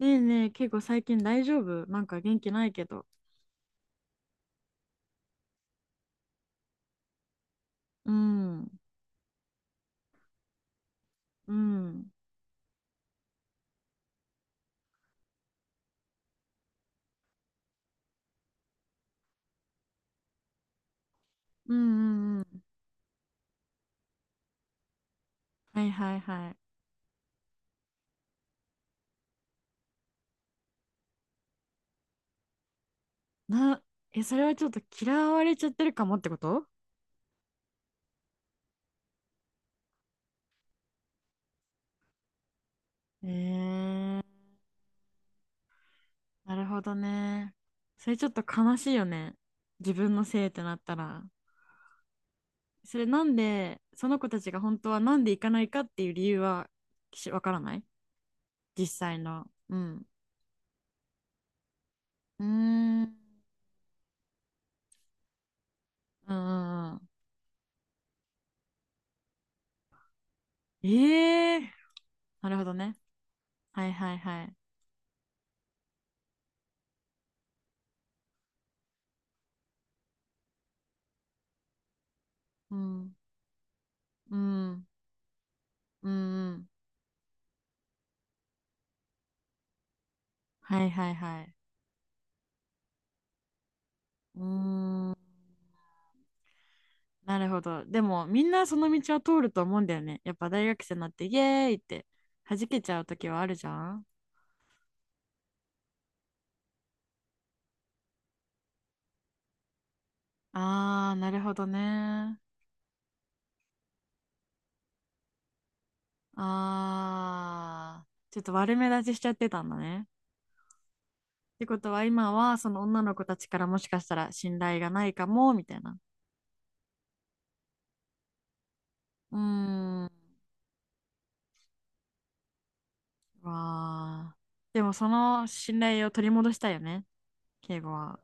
ねえねえ、結構最近大丈夫？なんか元気ないけど。うん、うん、うん、うん、うん。はいはいはい。な、え、それはちょっと嫌われちゃってるかもってこと？えー、なるほどね。それちょっと悲しいよね。自分のせいってなったら。それなんで、その子たちが本当はなんで行かないかっていう理由は、し、わからない、実際の。うん。うーん、うん、うんうん。ええー、なるほどね。はいはいはい。うんうん、うん、はいはいはい。うーん、なるほど。でも、みんなその道を通ると思うんだよね。やっぱ大学生になって、イエーイって弾けちゃう時はあるじゃん。あー、なるほどね。あー、ちょっと悪目立ちしちゃってたんだね。ってことは、今はその女の子たちからもしかしたら信頼がないかも、みたいな。うーん、わー。でも、その信頼を取り戻したいよね、敬語は。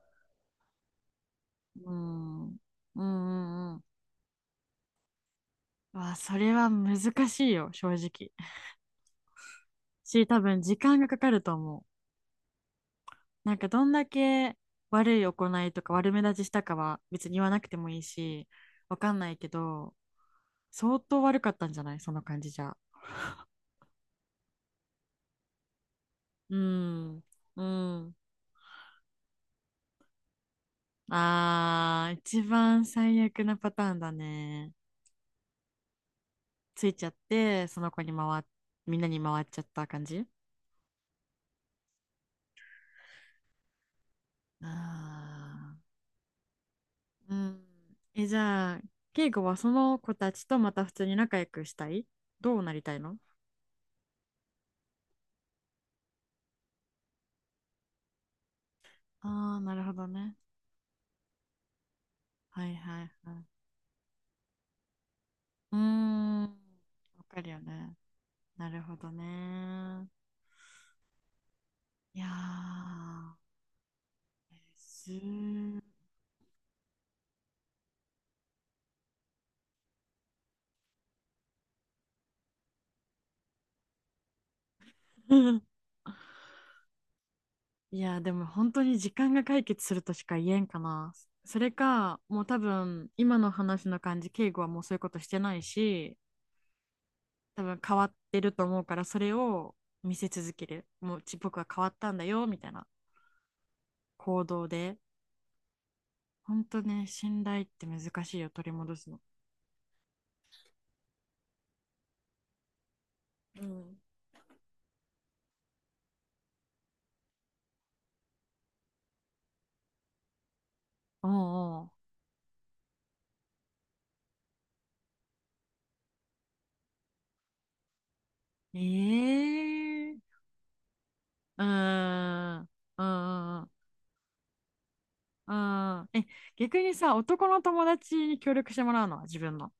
うん。うんうんうん。わあ、それは難しいよ、正直。し、多分時間がかかると思う。なんかどんだけ悪い行いとか悪目立ちしたかは別に言わなくてもいいし、わかんないけど、相当悪かったんじゃない？その感じじゃ。うん。うん。あー、一番最悪なパターンだね。ついちゃって、その子に回っ、みんなに回っちゃった感じ？あーうん。え、じゃあ、敬語はその子たちとまた普通に仲良くしたい？どうなりたいの？ああー、なるほどね。はいはいはい。うーん。わかるよね。なるほどね。いやー、すー いやー、でも本当に時間が解決するとしか言えんかな。それか、もう多分、今の話の感じ、敬語はもうそういうことしてないし、多分変わってると思うから、それを見せ続ける。もううち僕は変わったんだよみたいな、行動で。本当ね、信頼って難しいよ、取り戻すの。うん。おうおう、ええー、うーん、うんうんうん、うんえ、逆にさ、男の友達に協力してもらうのは？自分の、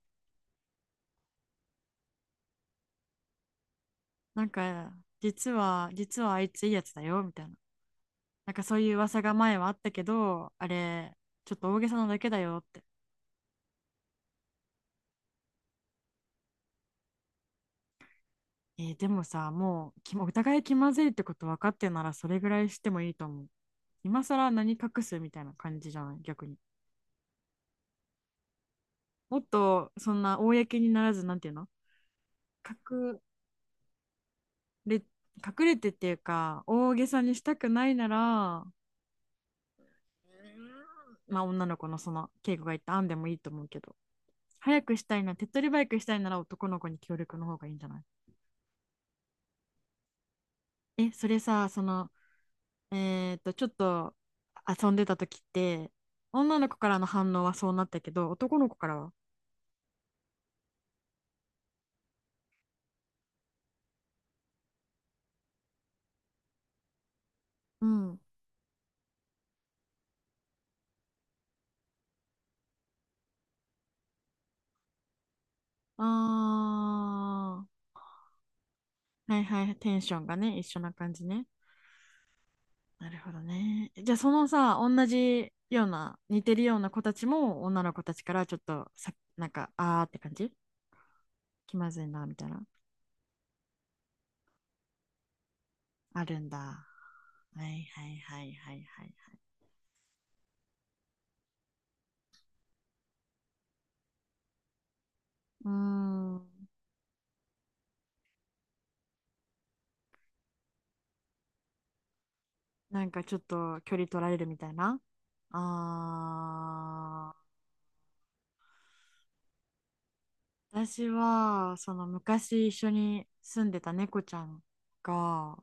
なんか、実はあいついいやつだよみたいな、なんかそういう噂が前はあったけど、あれちょっと大げさなだけだよって。えーでもさ、もうき お互い気まずいってこと分かってなら、それぐらいしてもいいと思う。今更何隠すみたいな感じじゃない、逆に。もっとそんな公にならず、なんていうの、隠れ、隠れてっていうか、大げさにしたくないなら、まあ女の子のその稽古が言った案でもいいと思うけど、早くしたいな、手っ取り早くしたいなら男の子に協力の方がいいんじゃない？え、それさ、その、えっと、ちょっと遊んでた時って、女の子からの反応はそうなったけど、男の子からは、うん。あー、はいはい、テンションがね、一緒な感じね。なるほどね。じゃあ、そのさ、同じような、似てるような子たちも、女の子たちからちょっとさ、なんか、あーって感じ、気まずいな、みたいな。あるんだ。はいはいはいはいはいはい。うーん、なんかちょっと距離取られるみたいな。あ、私は、その昔一緒に住んでた猫ちゃんが、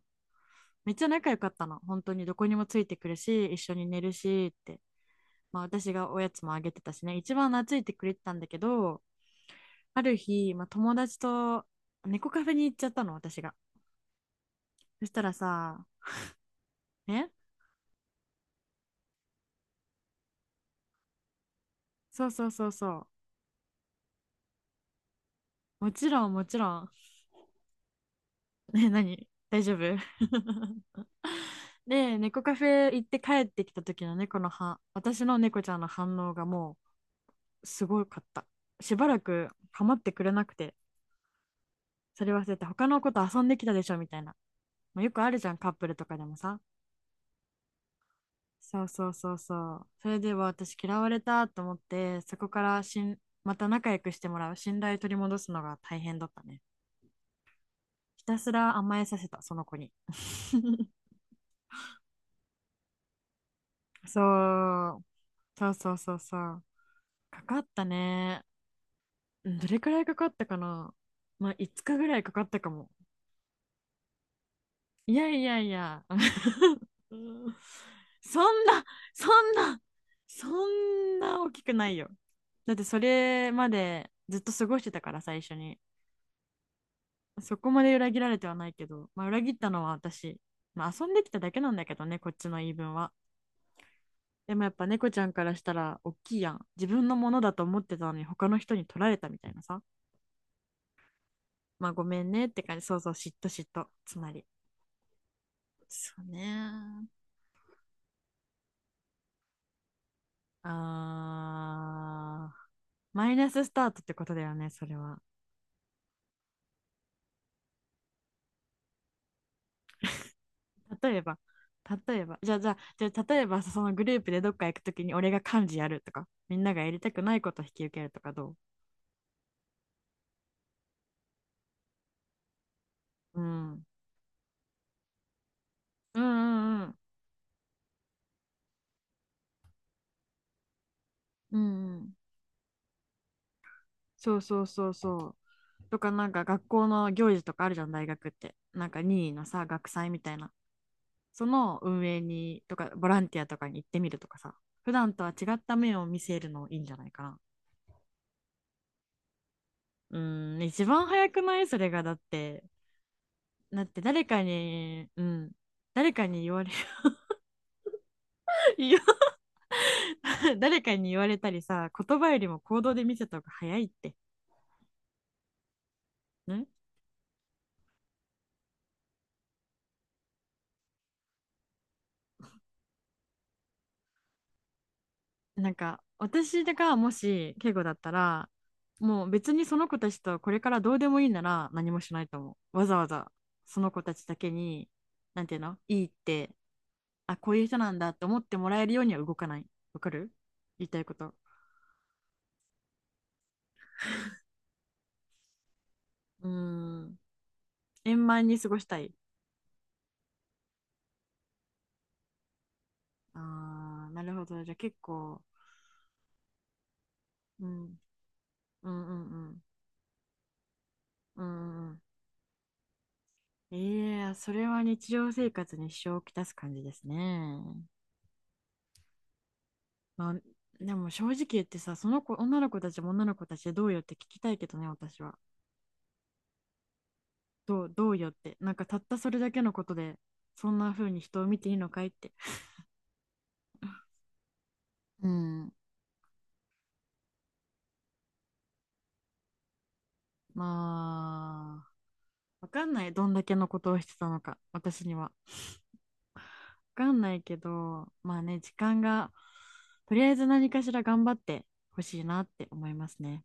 めっちゃ仲良かったの。本当にどこにもついてくるし、一緒に寝るしって。まあ私がおやつもあげてたしね、一番懐いてくれてたんだけど、ある日、まあ、友達と猫カフェに行っちゃったの、私が。そしたらさ、ね、そうそうそうそう。もちろん、もちろん。ね、何、大丈夫？で、猫カフェ行って帰ってきた時の猫の私の猫ちゃんの反応がもう、すごかった。しばらく構ってくれなくて、それ忘れて他の子と遊んできたでしょみたいな。まあ、よくあるじゃん、カップルとかでもさ。そうそうそうそう。それでは私嫌われたと思って、そこからしん、また仲良くしてもらう、信頼取り戻すのが大変だったね。ひたすら甘えさせた、その子に。そう、そうそうそうそう。かかったね。うん、どれくらいかかったかな。まあ、5日ぐらいかかったかも。いやいやいや、うん、そんな、そんな、そんな大きくないよ。だってそれまでずっと過ごしてたから、最初に。そこまで裏切られてはないけど、まあ、裏切ったのは私。まあ、遊んできただけなんだけどね、こっちの言い分は。でもやっぱ猫ちゃんからしたら大きいやん。自分のものだと思ってたのに他の人に取られたみたいなさ。まあごめんねって感じ。そうそう、嫉妬嫉妬。つまり。そうね。あー。マイナススタートってことだよね、それは。例えば、例えば、じゃあ、じゃあ、じゃあ例えば、そのグループでどっか行くときに俺が幹事やるとか、みんながやりたくないことを引き受けるとかど？ううん。うんうんうん。うんうん。そうそうそうそう。とか、なんか学校の行事とかあるじゃん、大学って。なんか任意のさ、学祭みたいな。その運営に、とか、ボランティアとかに行ってみるとかさ。普段とは違った面を見せるのいいんじゃないかな。うん、一番早くないそれが、だって。だって誰かに、うん、誰かに言われ、言 誰かに言われたりさ、言葉よりも行動で見せた方が早いって。ね、なんか、私がもし、敬語だったら、もう別にその子たちとこれからどうでもいいなら何もしないと思う。わざわざ、その子たちだけに、なんていうのいいって、あ、こういう人なんだって思ってもらえるようには動かない。わかる？言いたいこと。うーん。円満に過ごしたい。あー、なるほど。じゃあ結構、うん、うんうんうん。うんうんうん、いやー、それは日常生活に支障をきたす感じですね。まあ、でも正直言ってさ、その子、女の子たちも女の子たちでどうよって聞きたいけどね、私は。どう、どうよって。なんかたったそれだけのことで、そんな風に人を見ていいのかいって。うん。まあ、わかんない。どんだけのことをしてたのか、私には。わかんないけど、まあね、時間が、とりあえず何かしら頑張ってほしいなって思いますね。